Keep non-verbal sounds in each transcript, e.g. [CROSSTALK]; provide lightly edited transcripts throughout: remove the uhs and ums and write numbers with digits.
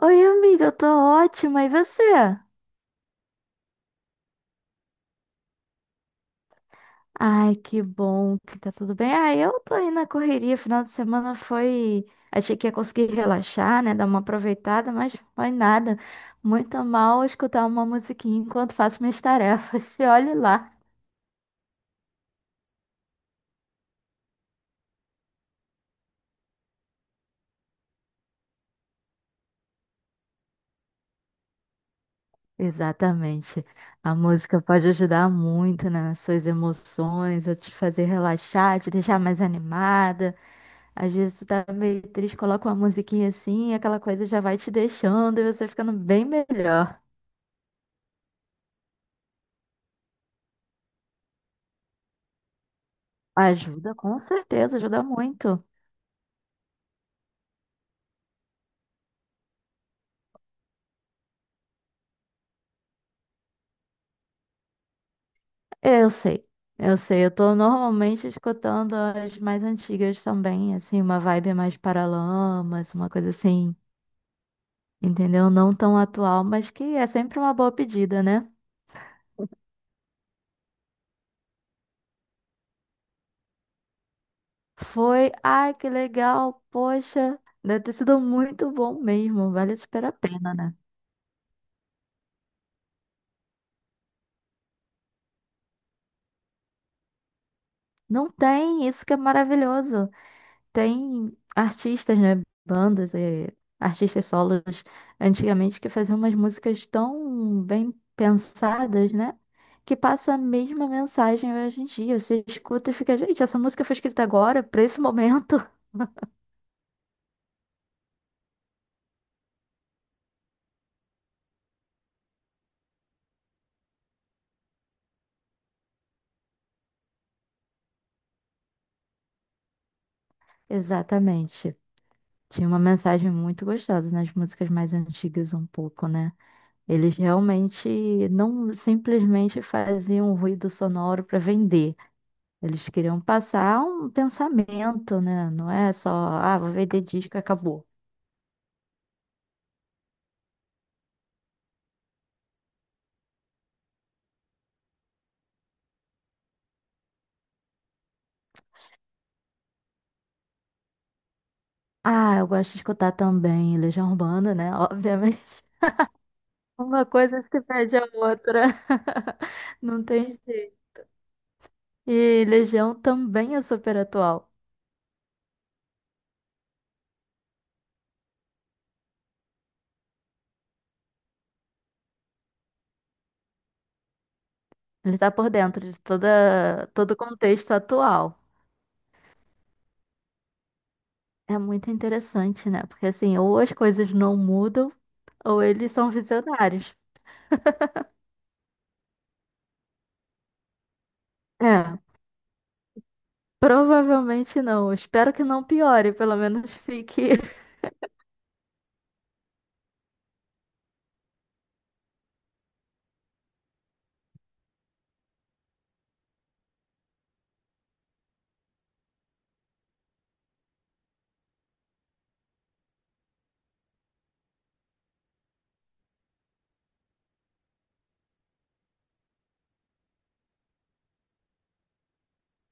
Oi, amiga, eu tô ótima. E você? Ai, que bom que tá tudo bem. Ah, eu tô aí na correria. Final de semana foi. Achei que ia conseguir relaxar, né? Dar uma aproveitada, mas foi nada. Muito mal escutar uma musiquinha enquanto faço minhas tarefas. [LAUGHS] E olhe lá. Exatamente. A música pode ajudar muito, né, nas suas emoções, a te fazer relaxar, te deixar mais animada. Às vezes tu tá meio triste, coloca uma musiquinha assim, e aquela coisa já vai te deixando e você ficando bem melhor. Ajuda, com certeza, ajuda muito. Eu sei, eu sei. Eu tô normalmente escutando as mais antigas também, assim, uma vibe mais Paralamas, uma coisa assim, entendeu? Não tão atual, mas que é sempre uma boa pedida, né? Foi, ai, que legal, poxa, deve ter sido muito bom mesmo, vale super a pena, né? Não tem, isso que é maravilhoso. Tem artistas, né? Bandas, artistas solos antigamente que faziam umas músicas tão bem pensadas, né? Que passa a mesma mensagem hoje em dia. Você escuta e fica, gente, essa música foi escrita agora, pra esse momento. [LAUGHS] Exatamente. Tinha uma mensagem muito gostosa nas músicas mais antigas, um pouco, né? Eles realmente não simplesmente faziam um ruído sonoro pra vender. Eles queriam passar um pensamento, né? Não é só, ah, vou vender disco e acabou. Ah, eu gosto de escutar também Legião Urbana, né? Obviamente. [LAUGHS] Uma coisa se pede a outra. [LAUGHS] Não tem jeito. E Legião também é super atual. Ele tá por dentro de todo o contexto atual. É muito interessante, né? Porque assim, ou as coisas não mudam, ou eles são visionários. É, provavelmente não. Espero que não piore, pelo menos fique. [LAUGHS]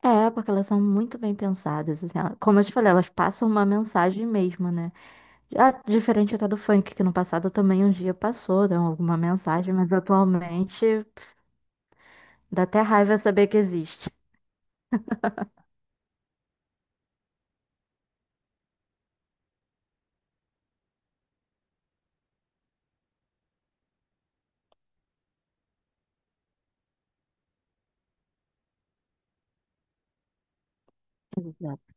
É, porque elas são muito bem pensadas, assim, ó. Como eu te falei, elas passam uma mensagem mesmo, né? Já diferente até do funk, que no passado também um dia passou, deu alguma mensagem, mas atualmente pff, dá até raiva saber que existe. Exato.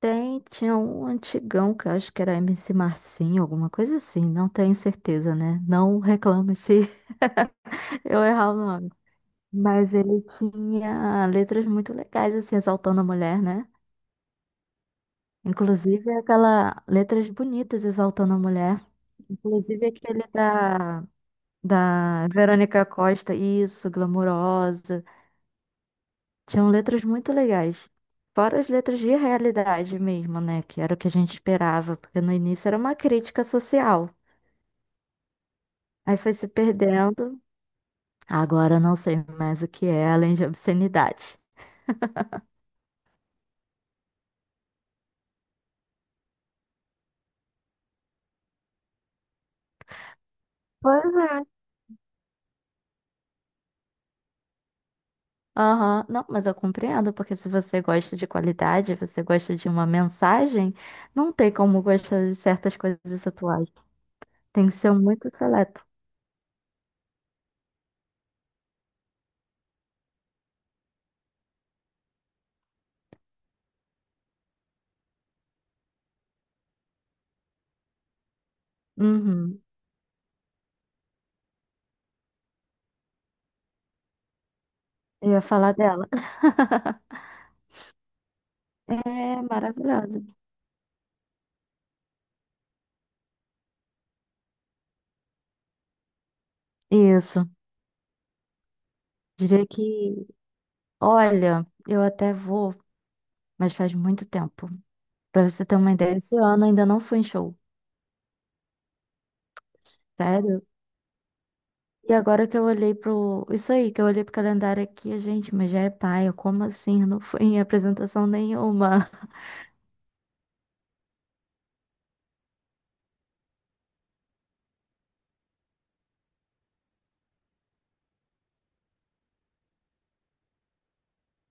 Tem, tinha um antigão que eu acho que era MC Marcinho, alguma coisa assim, não tenho certeza, né? Não reclame se [LAUGHS] eu errar o nome. Mas ele tinha letras muito legais, assim, exaltando a mulher, né? Inclusive aquela letras bonitas exaltando a mulher. Inclusive aquele da Verônica Costa, isso, Glamurosa. Tinham letras muito legais. Fora as letras de realidade mesmo, né? Que era o que a gente esperava, porque no início era uma crítica social. Aí foi se perdendo. Agora eu não sei mais o que é, além de obscenidade. Pois é. Aham, não, mas eu compreendo, porque se você gosta de qualidade, você gosta de uma mensagem, não tem como gostar de certas coisas atuais. Tem que ser muito seleto. Uhum. Eu ia falar dela. [LAUGHS] É maravilhosa. Isso. Diria que, olha, eu até vou, mas faz muito tempo. Pra você ter uma ideia, esse ano eu ainda não fui em show. Sério? E agora que eu olhei pro. Isso aí, que eu olhei pro calendário aqui, gente, mas já é paia. Como assim? Eu não fui em apresentação nenhuma.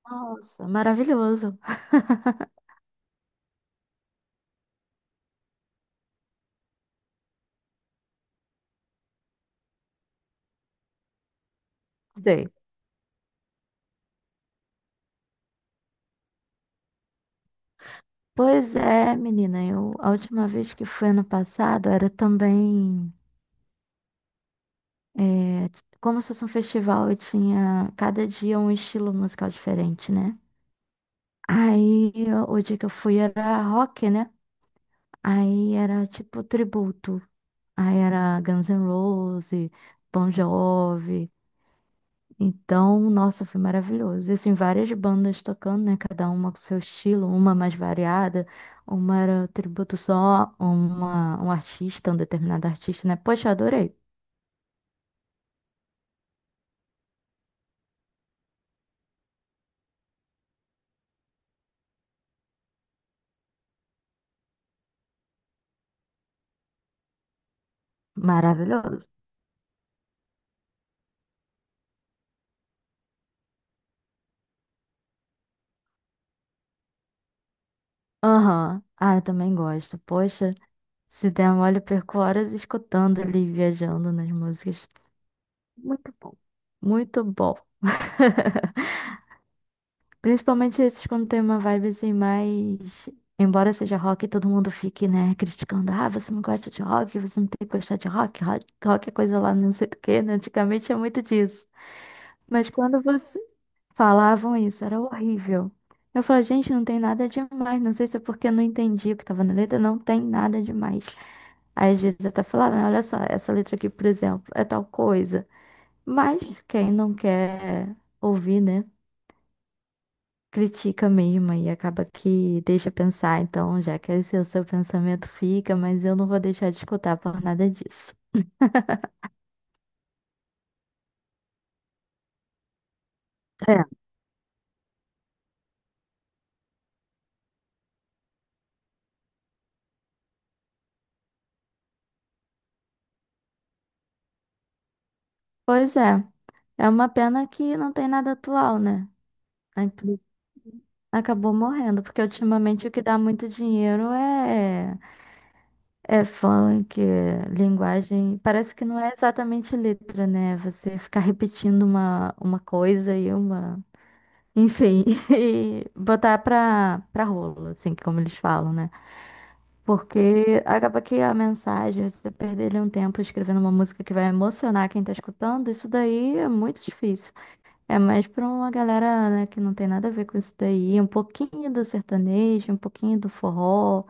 [LAUGHS] Nossa, maravilhoso. Sei. Pois é, menina, eu, a última vez que fui ano passado era também. É, como se fosse um festival, e tinha cada dia um estilo musical diferente, né? Aí o dia que eu fui era rock, né? Aí era tipo tributo. Aí era Guns N' Roses, Bon Jovi. Então, nossa, foi maravilhoso. E assim, várias bandas tocando, né? Cada uma com seu estilo, uma mais variada, uma era tributo só a uma, um artista, um determinado artista, né? Poxa, eu adorei. Maravilhoso. Aham. Ah, eu também gosto. Poxa. Se der mole, eu perco horas escutando ali, viajando nas músicas. Muito bom. Muito bom. [LAUGHS] Principalmente esses quando tem uma vibe assim mais. Embora seja rock, todo mundo fique, né, criticando. Ah, você não gosta de rock, você não tem que gostar de rock, rock, rock é coisa lá não sei do quê, né? Antigamente é muito disso. Mas quando você falavam isso, era horrível. Eu falava, gente, não tem nada demais. Não sei se é porque eu não entendi o que tava na letra, não tem nada demais. Às vezes até falar, "Ah, olha só, essa letra aqui, por exemplo, é tal coisa. Mas quem não quer ouvir, né? Critica mesmo e acaba que deixa pensar. Então, já que esse é o seu pensamento, fica, mas eu não vou deixar de escutar por nada disso. É. Pois é, é uma pena que não tem nada atual, né? A empresa acabou morrendo, porque ultimamente o que dá muito dinheiro é é funk, é linguagem. Parece que não é exatamente letra, né? Você ficar repetindo uma coisa e uma. Enfim, [LAUGHS] e botar pra rolo, assim, como eles falam, né? Porque acaba que a mensagem, você perder ali um tempo escrevendo uma música que vai emocionar quem tá escutando, isso daí é muito difícil. É mais pra uma galera, né, que não tem nada a ver com isso daí, um pouquinho do sertanejo, um pouquinho do forró.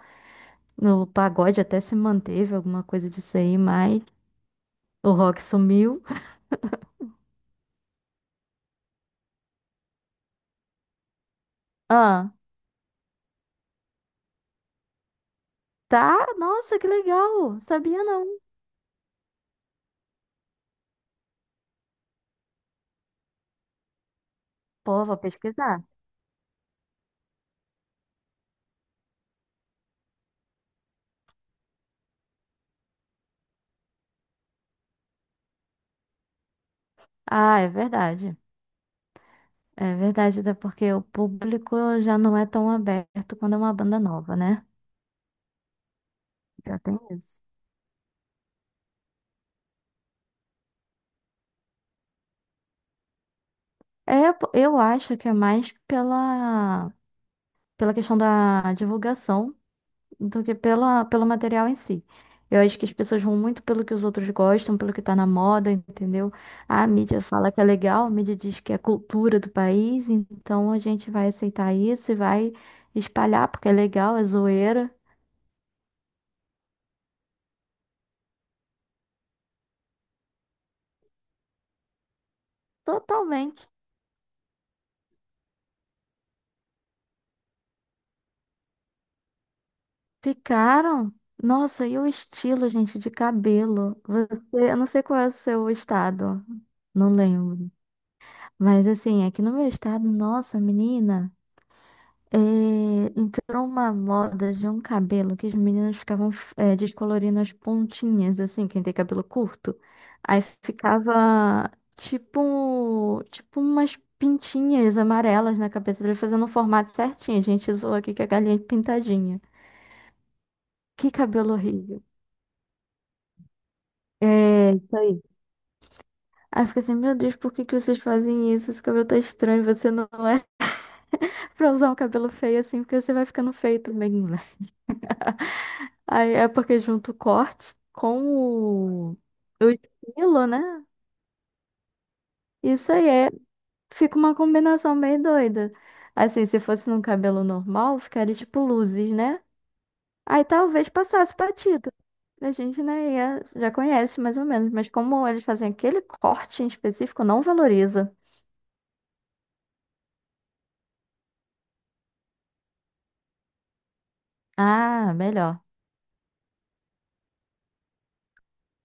O pagode até se manteve, alguma coisa disso aí, mas o rock sumiu. Ah, tá? Nossa, que legal! Sabia não. Pô, vou pesquisar. Ah, é verdade. É verdade, até porque o público já não é tão aberto quando é uma banda nova, né? Já tem isso. É, pô, eu acho que é mais pela questão da divulgação do que pela, pelo material em si. Eu acho que as pessoas vão muito pelo que os outros gostam, pelo que tá na moda, entendeu? A mídia fala que é legal, a mídia diz que é cultura do país, então a gente vai aceitar isso e vai espalhar porque é legal, é zoeira. Totalmente. Ficaram. Nossa, e o estilo, gente, de cabelo? Você, eu não sei qual é o seu estado, não lembro. Mas assim, aqui no meu estado, nossa, menina. Entrou uma moda de um cabelo que as meninas ficavam descolorindo as pontinhas, assim, quem tem cabelo curto. Aí ficava tipo umas pintinhas amarelas na cabeça dele, fazendo um formato certinho. A gente usou aqui que é galinha é pintadinha. Que cabelo horrível. É, isso aí. Aí eu fico assim, meu Deus, por que que vocês fazem isso? Esse cabelo tá estranho, você não é [LAUGHS] pra usar um cabelo feio assim, porque você vai ficando feio também. Aí é porque junto o corte com o Milo, né? Isso aí é, fica uma combinação meio doida. Assim, se fosse num cabelo normal, ficaria tipo luzes, né? Aí talvez passasse batido. A gente, né, ia- já conhece mais ou menos, mas como eles fazem aquele corte em específico, não valoriza. Ah, melhor.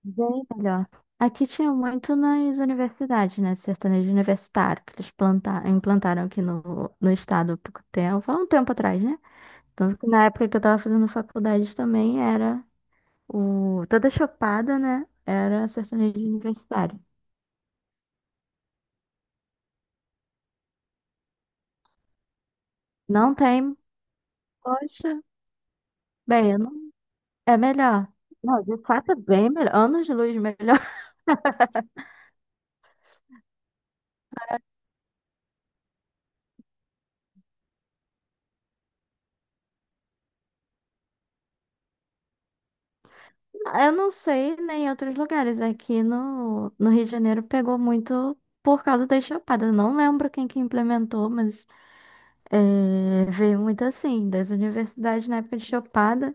Bem melhor. Aqui tinha muito nas universidades, né? Sertanejo universitário, que eles planta- implantaram aqui no estado há pouco tempo, há um tempo atrás, né? Tanto que na época que eu tava fazendo faculdade também era o... Toda chopada, né? Era sertanejo universitário. Não tem, poxa, bem, eu não... é melhor. Não, de fato é bem melhor. Anos de luz melhor. [LAUGHS] Eu não sei nem em outros lugares. Aqui no Rio de Janeiro pegou muito por causa das chapadas. Não lembro quem que implementou, mas é, veio muito assim, das universidades na época de chapada.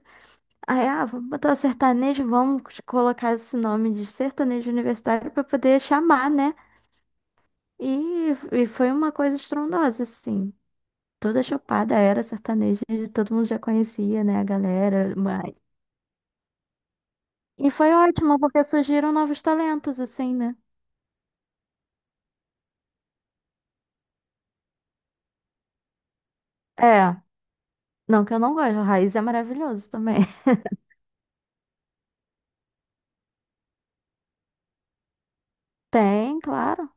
Aí, ah, vamos botar sertanejo, vamos colocar esse nome de sertanejo universitário para poder chamar, né? E foi uma coisa estrondosa, assim. Toda chopada era sertaneja, e todo mundo já conhecia, né, a galera. Mas... E foi ótimo, porque surgiram novos talentos, assim, né? É, não que eu não goste, o Raiz é maravilhoso também. [LAUGHS] Tem, claro.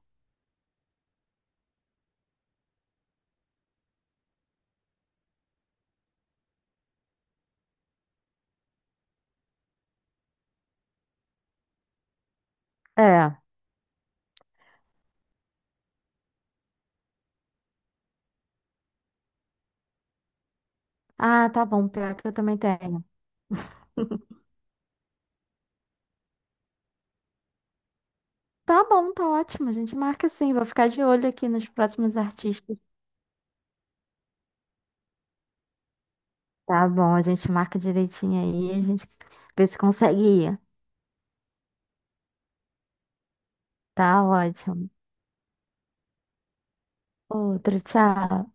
É. Ah, tá bom, pior é que eu também tenho. Tá bom, tá ótimo, a gente marca sim. Vou ficar de olho aqui nos próximos artistas. Tá bom, a gente marca direitinho aí, a gente vê se consegue ir. Tá ótimo. Outro, tchau.